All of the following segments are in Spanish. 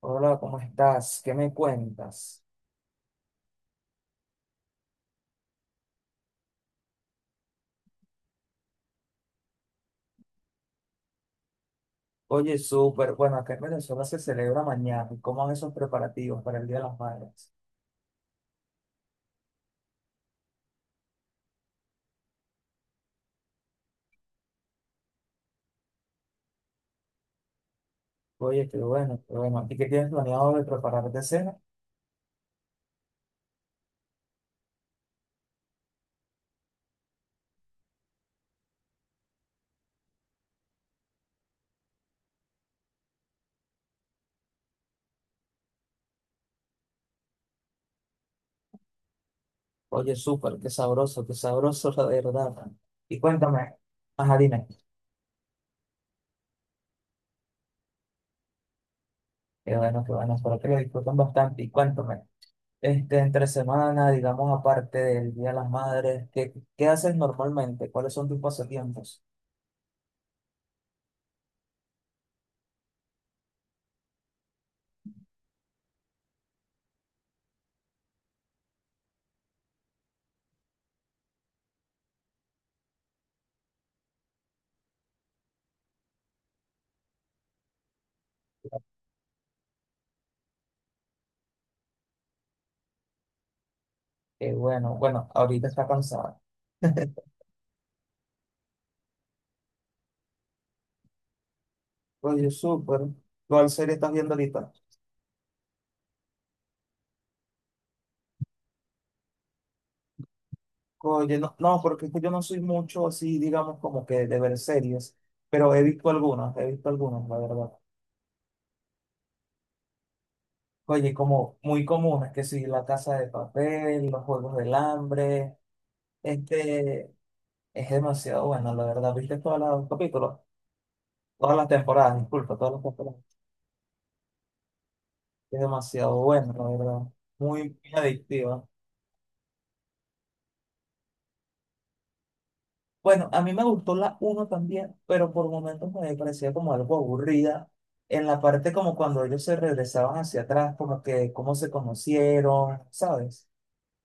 Hola, ¿cómo estás? ¿Qué me cuentas? Oye, súper, bueno, acá en Venezuela se celebra mañana. ¿Cómo van esos preparativos para el Día de las Madres? Oye, qué bueno, qué bueno. ¿Y qué tienes planeado de preparar de cena? Oye, súper, qué sabroso, la verdad. Y cuéntame, ajá, dime. Qué bueno, espero que lo disfruten bastante. Y cuéntame, este, entre semana, digamos, aparte del Día de las Madres, ¿qué haces normalmente? ¿Cuáles son tus pasatiempos? Qué bueno, bueno, ahorita está cansada. Oye, súper. ¿Cuál serie estás viendo ahorita? Oye, no, no, porque es que yo no soy mucho así, digamos, como que de ver series, pero he visto algunas, la verdad. Oye, como muy comunes, que sí, La Casa de Papel, Los Juegos del Hambre, este, es demasiado bueno, la verdad. ¿Viste todos los capítulos? Todas las temporadas, disculpa, todas las temporadas. Es demasiado bueno, la verdad. Muy, muy adictiva. Bueno, a mí me gustó la uno también, pero por momentos me parecía como algo aburrida. En la parte como cuando ellos se regresaban hacia atrás, como que cómo se conocieron, ¿sabes?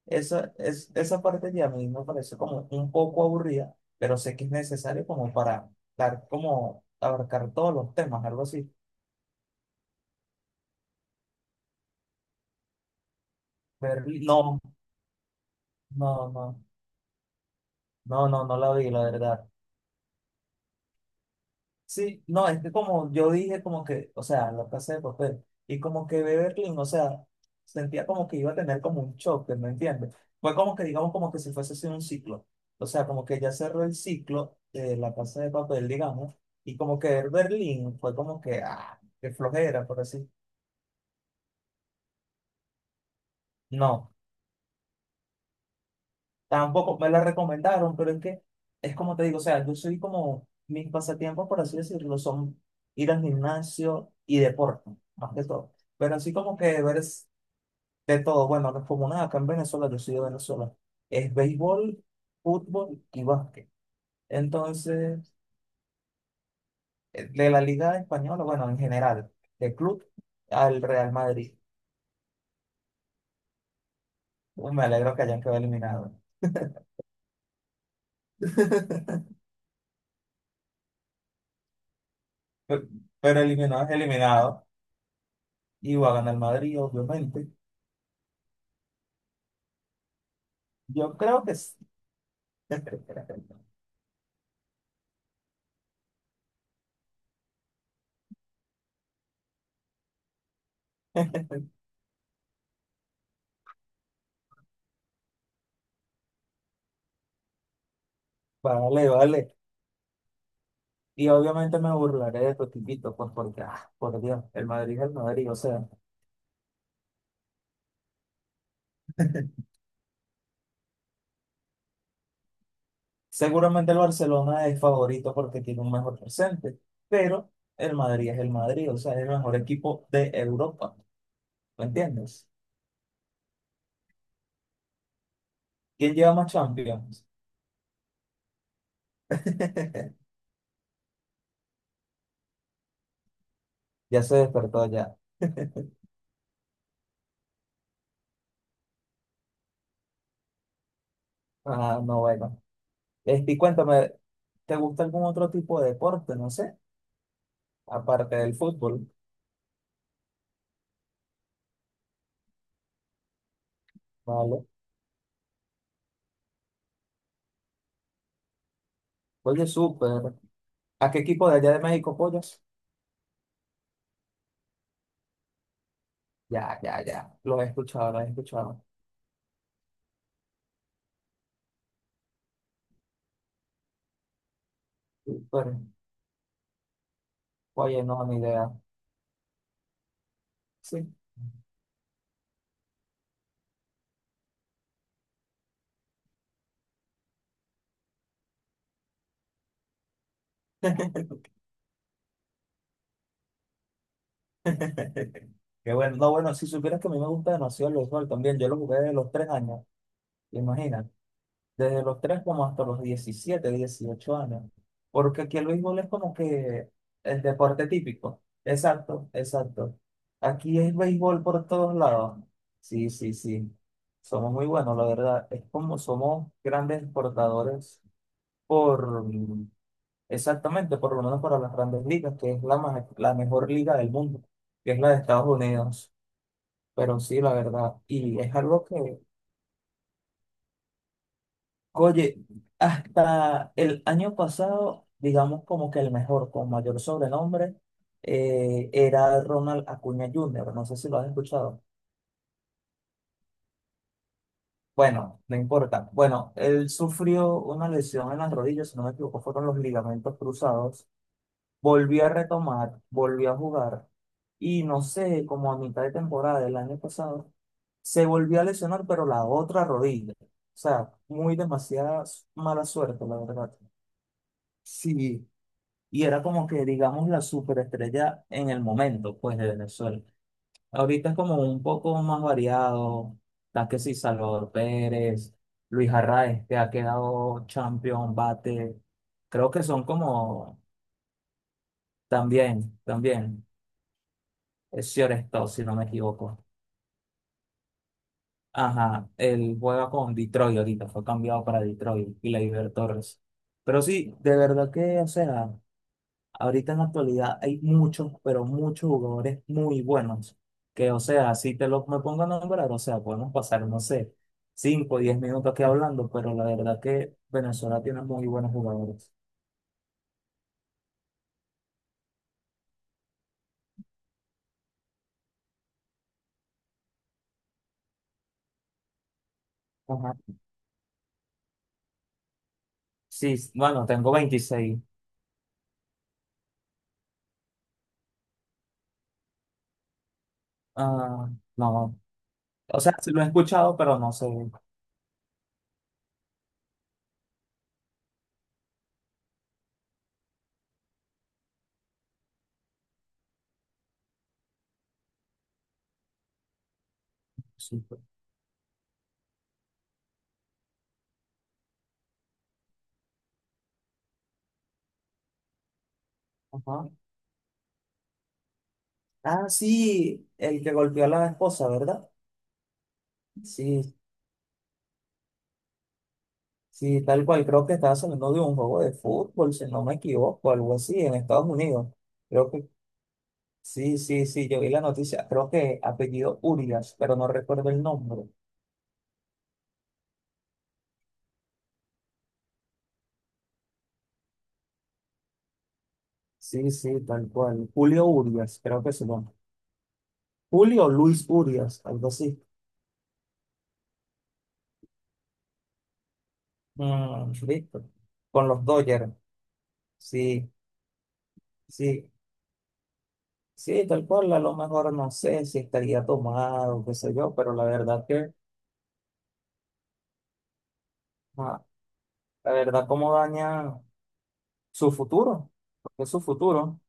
Esa parte ya a mí me pareció como un poco aburrida, pero sé que es necesario como para dar como abarcar todos los temas, algo así. Pero no, no, no, no, no, no la vi, la verdad. Sí, no, es que como yo dije, como que, o sea, la casa de papel, y como que Clean, o sea, sentía como que iba a tener como un choque, ¿me entiendes? Fue como que, digamos, como que si fuese así un ciclo, o sea, como que ya cerró el ciclo de la casa de papel, digamos, y como que Berlín fue como que, ah, qué flojera, por así. No. Tampoco me la recomendaron, pero es que es como te digo, o sea, yo soy como mis pasatiempos, por así decirlo, son ir al gimnasio y deporte, más que todo. Pero así como que ver es de todo, bueno, no es como nada, acá en Venezuela, yo soy de Venezuela, es béisbol, fútbol y básquet. Entonces, de la Liga Española, bueno, en general, de club al Real Madrid. Uy, me alegro que hayan quedado eliminados. Pero, pero eliminado es eliminado. Y va a ganar el Madrid, obviamente. Yo creo que sí. Vale, vale. Y obviamente me burlaré de estos tipitos pues porque, ah, por Dios, el Madrid es el Madrid. O sea, seguramente el Barcelona es favorito porque tiene un mejor presente, pero el Madrid es el Madrid, o sea, es el mejor equipo de Europa. ¿Me entiendes? ¿Quién lleva más Champions? Ya se despertó ya. Ah, no, bueno. Este, y cuéntame, ¿te gusta algún otro tipo de deporte? No sé, aparte del fútbol, ¿vale? Oye, súper. ¿A qué equipo de allá de México apoyas? Ya, ya, ya. Lo he escuchado, lo he escuchado. Pero, oye, no, ni idea. Sí. Qué bueno. No, bueno, si supieras que a mí me gusta demasiado el béisbol también. Yo lo jugué desde los tres años, imagina. Desde los tres como hasta los 17 18 años. Porque aquí el béisbol es como que el deporte típico. Exacto, exacto. Aquí es béisbol por todos lados. Sí, sí, sí. Somos muy buenos, la verdad. Es como somos grandes exportadores por, exactamente, por lo menos para las grandes ligas, que es la, ma- la mejor liga del mundo, que es la de Estados Unidos. Pero sí, la verdad, y es algo que, oye, hasta el año pasado, digamos como que el mejor, con mayor sobrenombre, era Ronald Acuña Jr., no sé si lo has escuchado. Bueno, no importa. Bueno, él sufrió una lesión en las rodillas, si no me equivoco, fueron los ligamentos cruzados. Volví a retomar, volví a jugar y no sé, como a mitad de temporada del año pasado, se volvió a lesionar, pero la otra rodilla. O sea, muy demasiada mala suerte, la verdad. Sí, y era como que, digamos, la superestrella en el momento, pues, de Venezuela. Ahorita es como un poco más variado. Está que sí, Salvador Pérez, Luis Arraez, que ha quedado champion, bate. Creo que son como, también, también. Es Stone, si no me equivoco. Ajá, él juega con Detroit ahorita, fue cambiado para Detroit y la Torres. Pero sí, de verdad que, o sea, ahorita en la actualidad hay muchos, pero muchos jugadores muy buenos. Que, o sea, si te los me pongo a nombrar, o sea, podemos pasar, no sé, 5 o 10 minutos aquí hablando, pero la verdad que Venezuela tiene muy buenos jugadores. Ajá. Sí, bueno, tengo 26. Ah, no, o sea, sí lo he escuchado, pero no sé. Sí, pues. Ajá. Ah, sí, el que golpeó a la esposa, ¿verdad? Sí, sí, tal cual. Creo que estaba saliendo de un juego de fútbol, si no me equivoco, algo así, en Estados Unidos. Creo que sí, sí, sí, yo vi la noticia. Creo que apellido Urias, pero no recuerdo el nombre. Sí, sí, tal cual. Julio Urias, creo que es su nombre. Julio Luis Urias, algo así. Mm, listo. Con los Dodgers. Sí, sí, sí, tal cual. A lo mejor no sé si estaría tomado, qué sé yo, pero la verdad que. Ah, la verdad, cómo daña su futuro, porque es su futuro.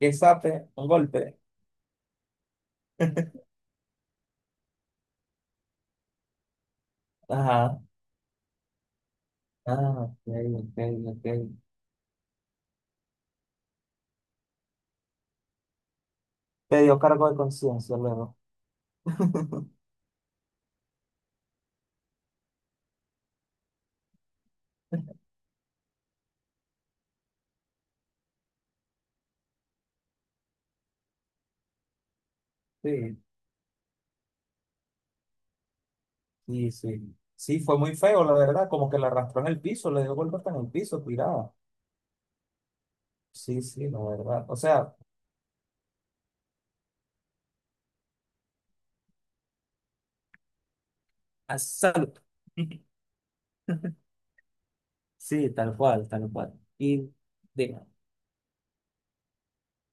Que sape, un golpe. Ajá. Ah, ok, ok, ok. Te dio cargo de conciencia luego. Sí, sí, sí. Sí, fue muy feo, la verdad, como que la arrastró en el piso, le dio golpes en el piso, tirada. Sí, sí, la verdad. O sea, a salud. Sí, tal cual, tal cual. Y diga,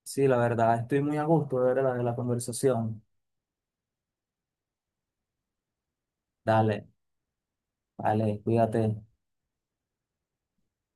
sí, la verdad, estoy muy a gusto, de verdad, de la conversación. Dale, dale, cuídate.